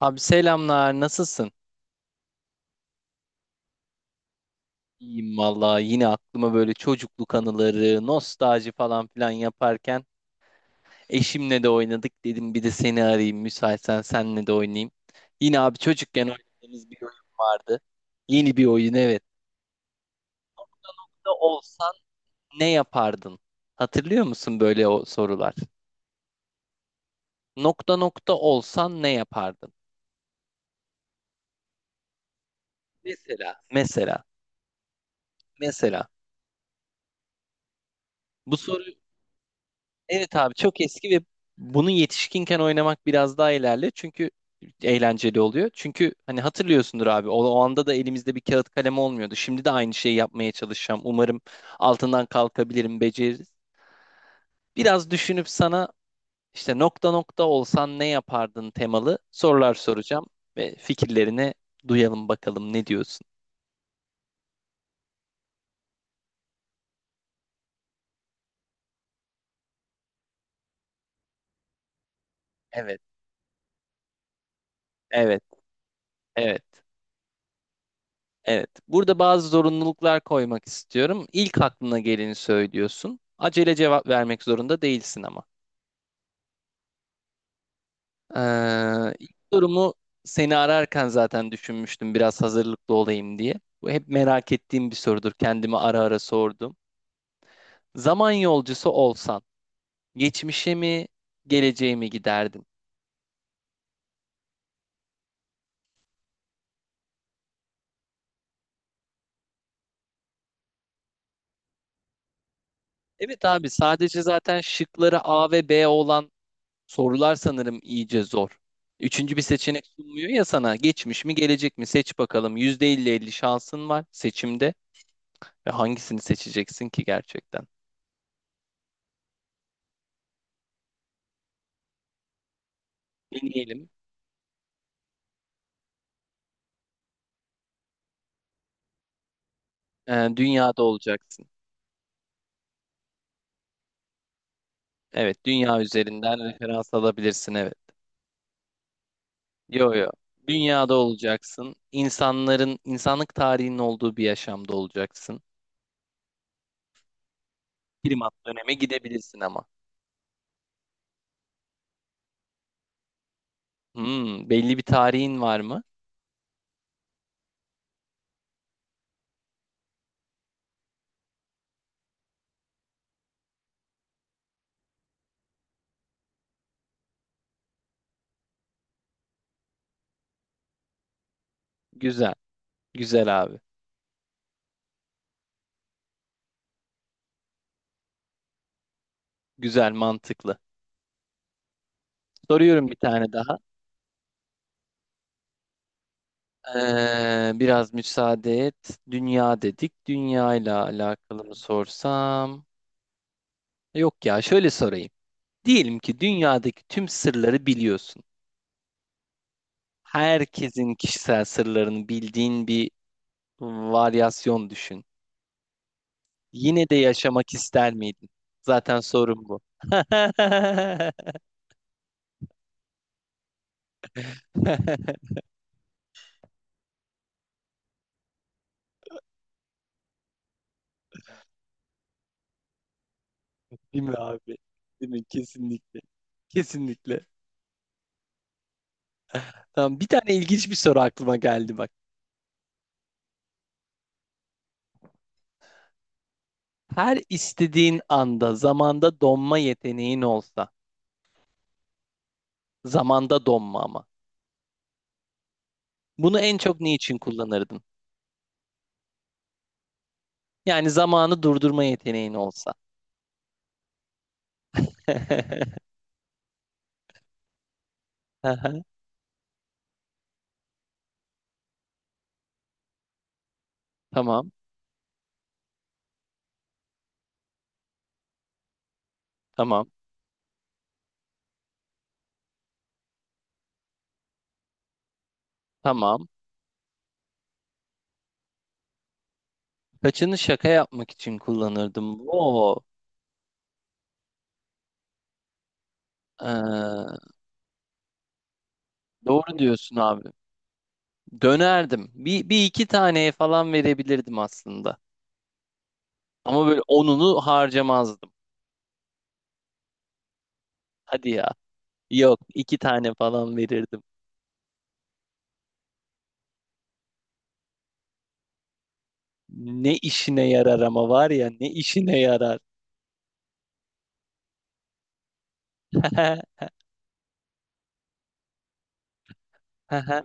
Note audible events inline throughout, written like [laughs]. Abi selamlar, nasılsın? İyiyim vallahi yine aklıma böyle çocukluk anıları, nostalji falan filan yaparken eşimle de oynadık dedim bir de seni arayayım müsaitsen senle de oynayayım. Yine abi çocukken oynadığımız bir oyun vardı. Yeni bir oyun evet. Ne olsan ne yapardın? Hatırlıyor musun böyle o sorular? Nokta nokta olsan ne yapardın? Mesela, mesela, mesela. Bu soru evet abi çok eski ve bunu yetişkinken oynamak biraz daha ilerli. Çünkü eğlenceli oluyor. Çünkü hani hatırlıyorsundur abi o anda da elimizde bir kağıt kalem olmuyordu. Şimdi de aynı şeyi yapmaya çalışacağım. Umarım altından kalkabilirim, beceririz. Biraz düşünüp sana işte nokta nokta olsan ne yapardın temalı sorular soracağım ve fikirlerini duyalım bakalım ne diyorsun? Evet, evet, evet. Evet, burada bazı zorunluluklar koymak istiyorum. İlk aklına geleni söylüyorsun. Acele cevap vermek zorunda değilsin ama. İlk sorumu seni ararken zaten düşünmüştüm biraz hazırlıklı olayım diye. Bu hep merak ettiğim bir sorudur. Kendime ara ara sordum. Zaman yolcusu olsan geçmişe mi geleceğe mi giderdin? Evet abi sadece zaten şıkları A ve B olan sorular sanırım iyice zor. Üçüncü bir seçenek sunmuyor ya sana. Geçmiş mi, gelecek mi? Seç bakalım, yüzde elli elli şansın var seçimde. Ve hangisini seçeceksin ki gerçekten? Deneyelim. Dünyada olacaksın. Evet, dünya üzerinden referans alabilirsin. Evet. Yo yo. Dünyada olacaksın. İnsanların, insanlık tarihinin olduğu bir yaşamda olacaksın. Primat döneme gidebilirsin ama. Hmm, belli bir tarihin var mı? Güzel. Güzel abi. Güzel, mantıklı. Soruyorum bir tane daha. Biraz müsaade et. Dünya dedik. Dünya ile alakalı mı sorsam? Yok ya, şöyle sorayım. Diyelim ki dünyadaki tüm sırları biliyorsun. Herkesin kişisel sırlarını bildiğin bir varyasyon düşün. Yine de yaşamak ister miydin? Zaten sorun bu. [laughs] Değil mi abi? Değil mi? Kesinlikle. Kesinlikle. Tamam, bir tane ilginç bir soru aklıma geldi bak. Her istediğin anda zamanda donma yeteneğin olsa, zamanda donma ama. Bunu en çok niçin kullanırdın? Yani zamanı durdurma yeteneğin olsa. [laughs] Aha, tamam, tamam, tamam. Kaçını şaka yapmak için kullanırdım. Oo, ee, doğru diyorsun abi. Dönerdim. Bir iki taneye falan verebilirdim aslında. Ama böyle onunu harcamazdım. Hadi ya. Yok, iki tane falan verirdim. Ne işine yarar ama var ya ne işine yarar. [laughs]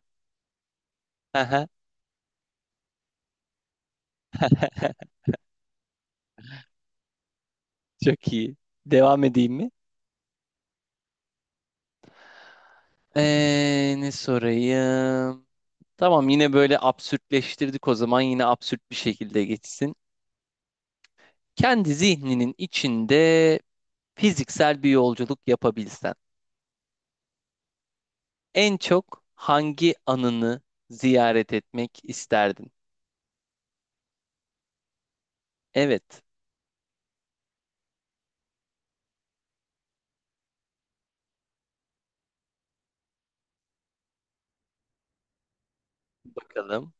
Çok iyi. Devam edeyim mi? Ne sorayım? Tamam yine böyle absürtleştirdik o zaman yine absürt bir şekilde geçsin. Kendi zihninin içinde fiziksel bir yolculuk yapabilsen en çok hangi anını ziyaret etmek isterdin? Evet. Bakalım.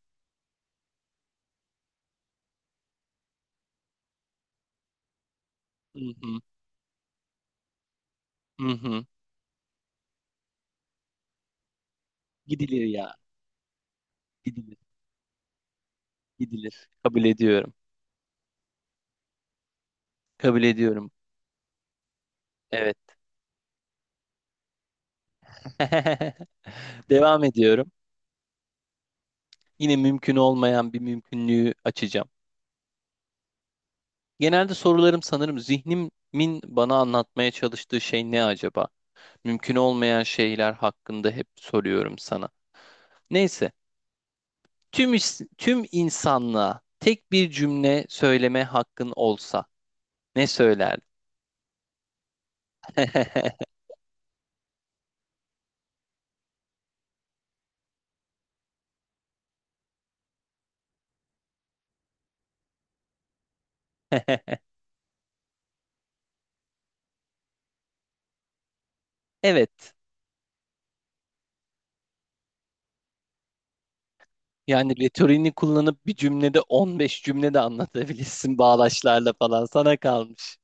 Hı hı. Hı hı. Gidilir ya. Gidilir. Gidilir. Kabul ediyorum. Kabul ediyorum. Evet. [laughs] Devam ediyorum. Yine mümkün olmayan bir mümkünlüğü açacağım. Genelde sorularım sanırım zihnimin bana anlatmaya çalıştığı şey ne acaba? Mümkün olmayan şeyler hakkında hep soruyorum sana. Neyse, tüm insanlığa tek bir cümle söyleme hakkın olsa ne söylerdin? [laughs] Evet. Yani retorini kullanıp bir cümlede 15 cümle de anlatabilirsin bağlaçlarla falan sana kalmış.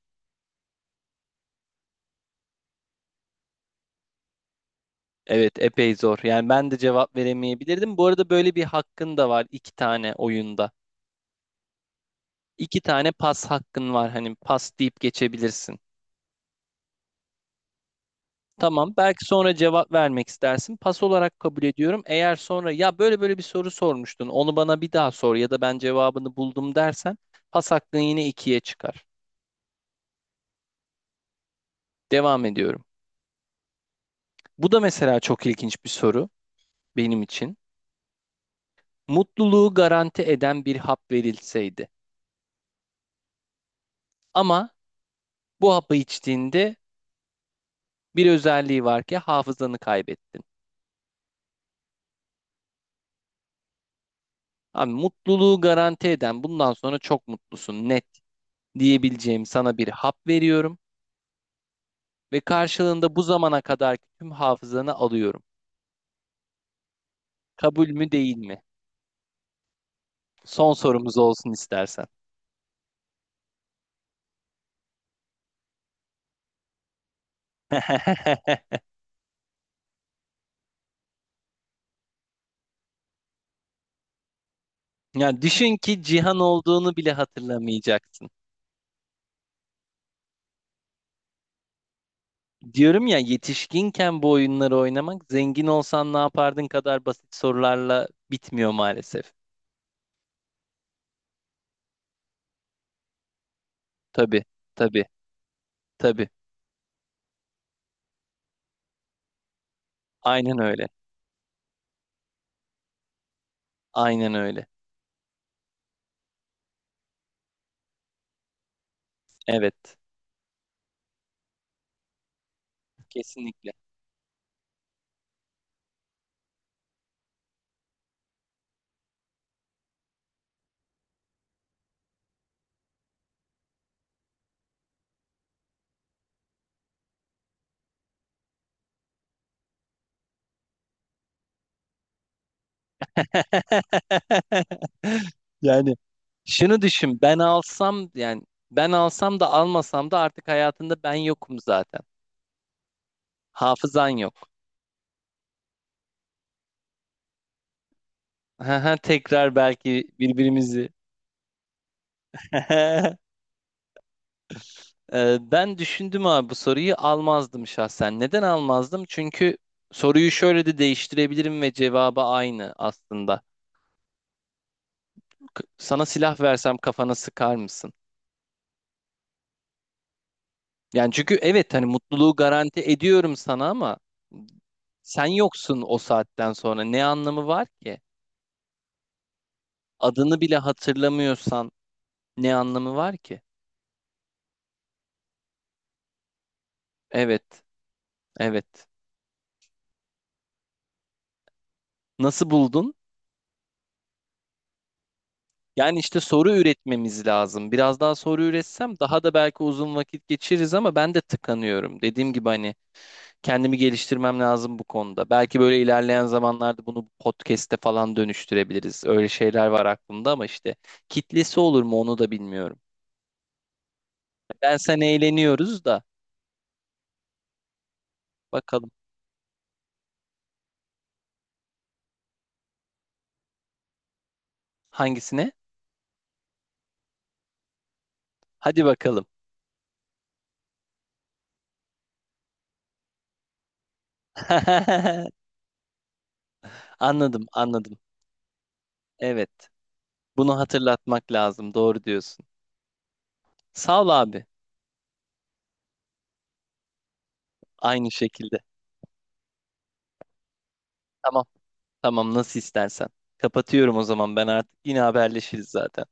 Evet, epey zor. Yani ben de cevap veremeyebilirdim. Bu arada böyle bir hakkın da var iki tane oyunda. İki tane pas hakkın var. Hani pas deyip geçebilirsin. Tamam, belki sonra cevap vermek istersin. Pas olarak kabul ediyorum. Eğer sonra ya böyle böyle bir soru sormuştun, onu bana bir daha sor ya da ben cevabını buldum dersen pas hakkın yine ikiye çıkar. Devam ediyorum. Bu da mesela çok ilginç bir soru benim için. Mutluluğu garanti eden bir hap verilseydi. Ama bu hapı içtiğinde bir özelliği var ki hafızanı kaybettin. Abi mutluluğu garanti eden bundan sonra çok mutlusun net diyebileceğim sana bir hap veriyorum ve karşılığında bu zamana kadar tüm hafızanı alıyorum. Kabul mü değil mi? Son sorumuz olsun istersen. [laughs] Ya düşün ki Cihan olduğunu bile hatırlamayacaksın. Diyorum ya yetişkinken bu oyunları oynamak zengin olsan ne yapardın kadar basit sorularla bitmiyor maalesef. Tabii, tabii, tabii. Aynen öyle. Aynen öyle. Evet. Kesinlikle. [laughs] Yani şunu düşün ben alsam yani ben alsam da almasam da artık hayatında ben yokum zaten. Hafızan yok. [laughs] Tekrar belki birbirimizi. [laughs] Ben düşündüm abi bu soruyu almazdım şahsen. Neden almazdım? Çünkü soruyu şöyle de değiştirebilirim ve cevabı aynı aslında. Sana silah versem kafana sıkar mısın? Yani çünkü evet hani mutluluğu garanti ediyorum sana ama sen yoksun o saatten sonra ne anlamı var ki? Adını bile hatırlamıyorsan ne anlamı var ki? Evet, evet. Nasıl buldun? Yani işte soru üretmemiz lazım. Biraz daha soru üretsem daha da belki uzun vakit geçiririz ama ben de tıkanıyorum. Dediğim gibi hani kendimi geliştirmem lazım bu konuda. Belki böyle ilerleyen zamanlarda bunu podcast'e falan dönüştürebiliriz. Öyle şeyler var aklımda ama işte kitlesi olur mu onu da bilmiyorum. Ben sen eğleniyoruz da bakalım hangisine? Hadi bakalım. [laughs] Anladım, anladım. Evet. Bunu hatırlatmak lazım. Doğru diyorsun. Sağ ol abi. Aynı şekilde. Tamam. Tamam nasıl istersen. Kapatıyorum o zaman ben artık. Yine haberleşiriz zaten.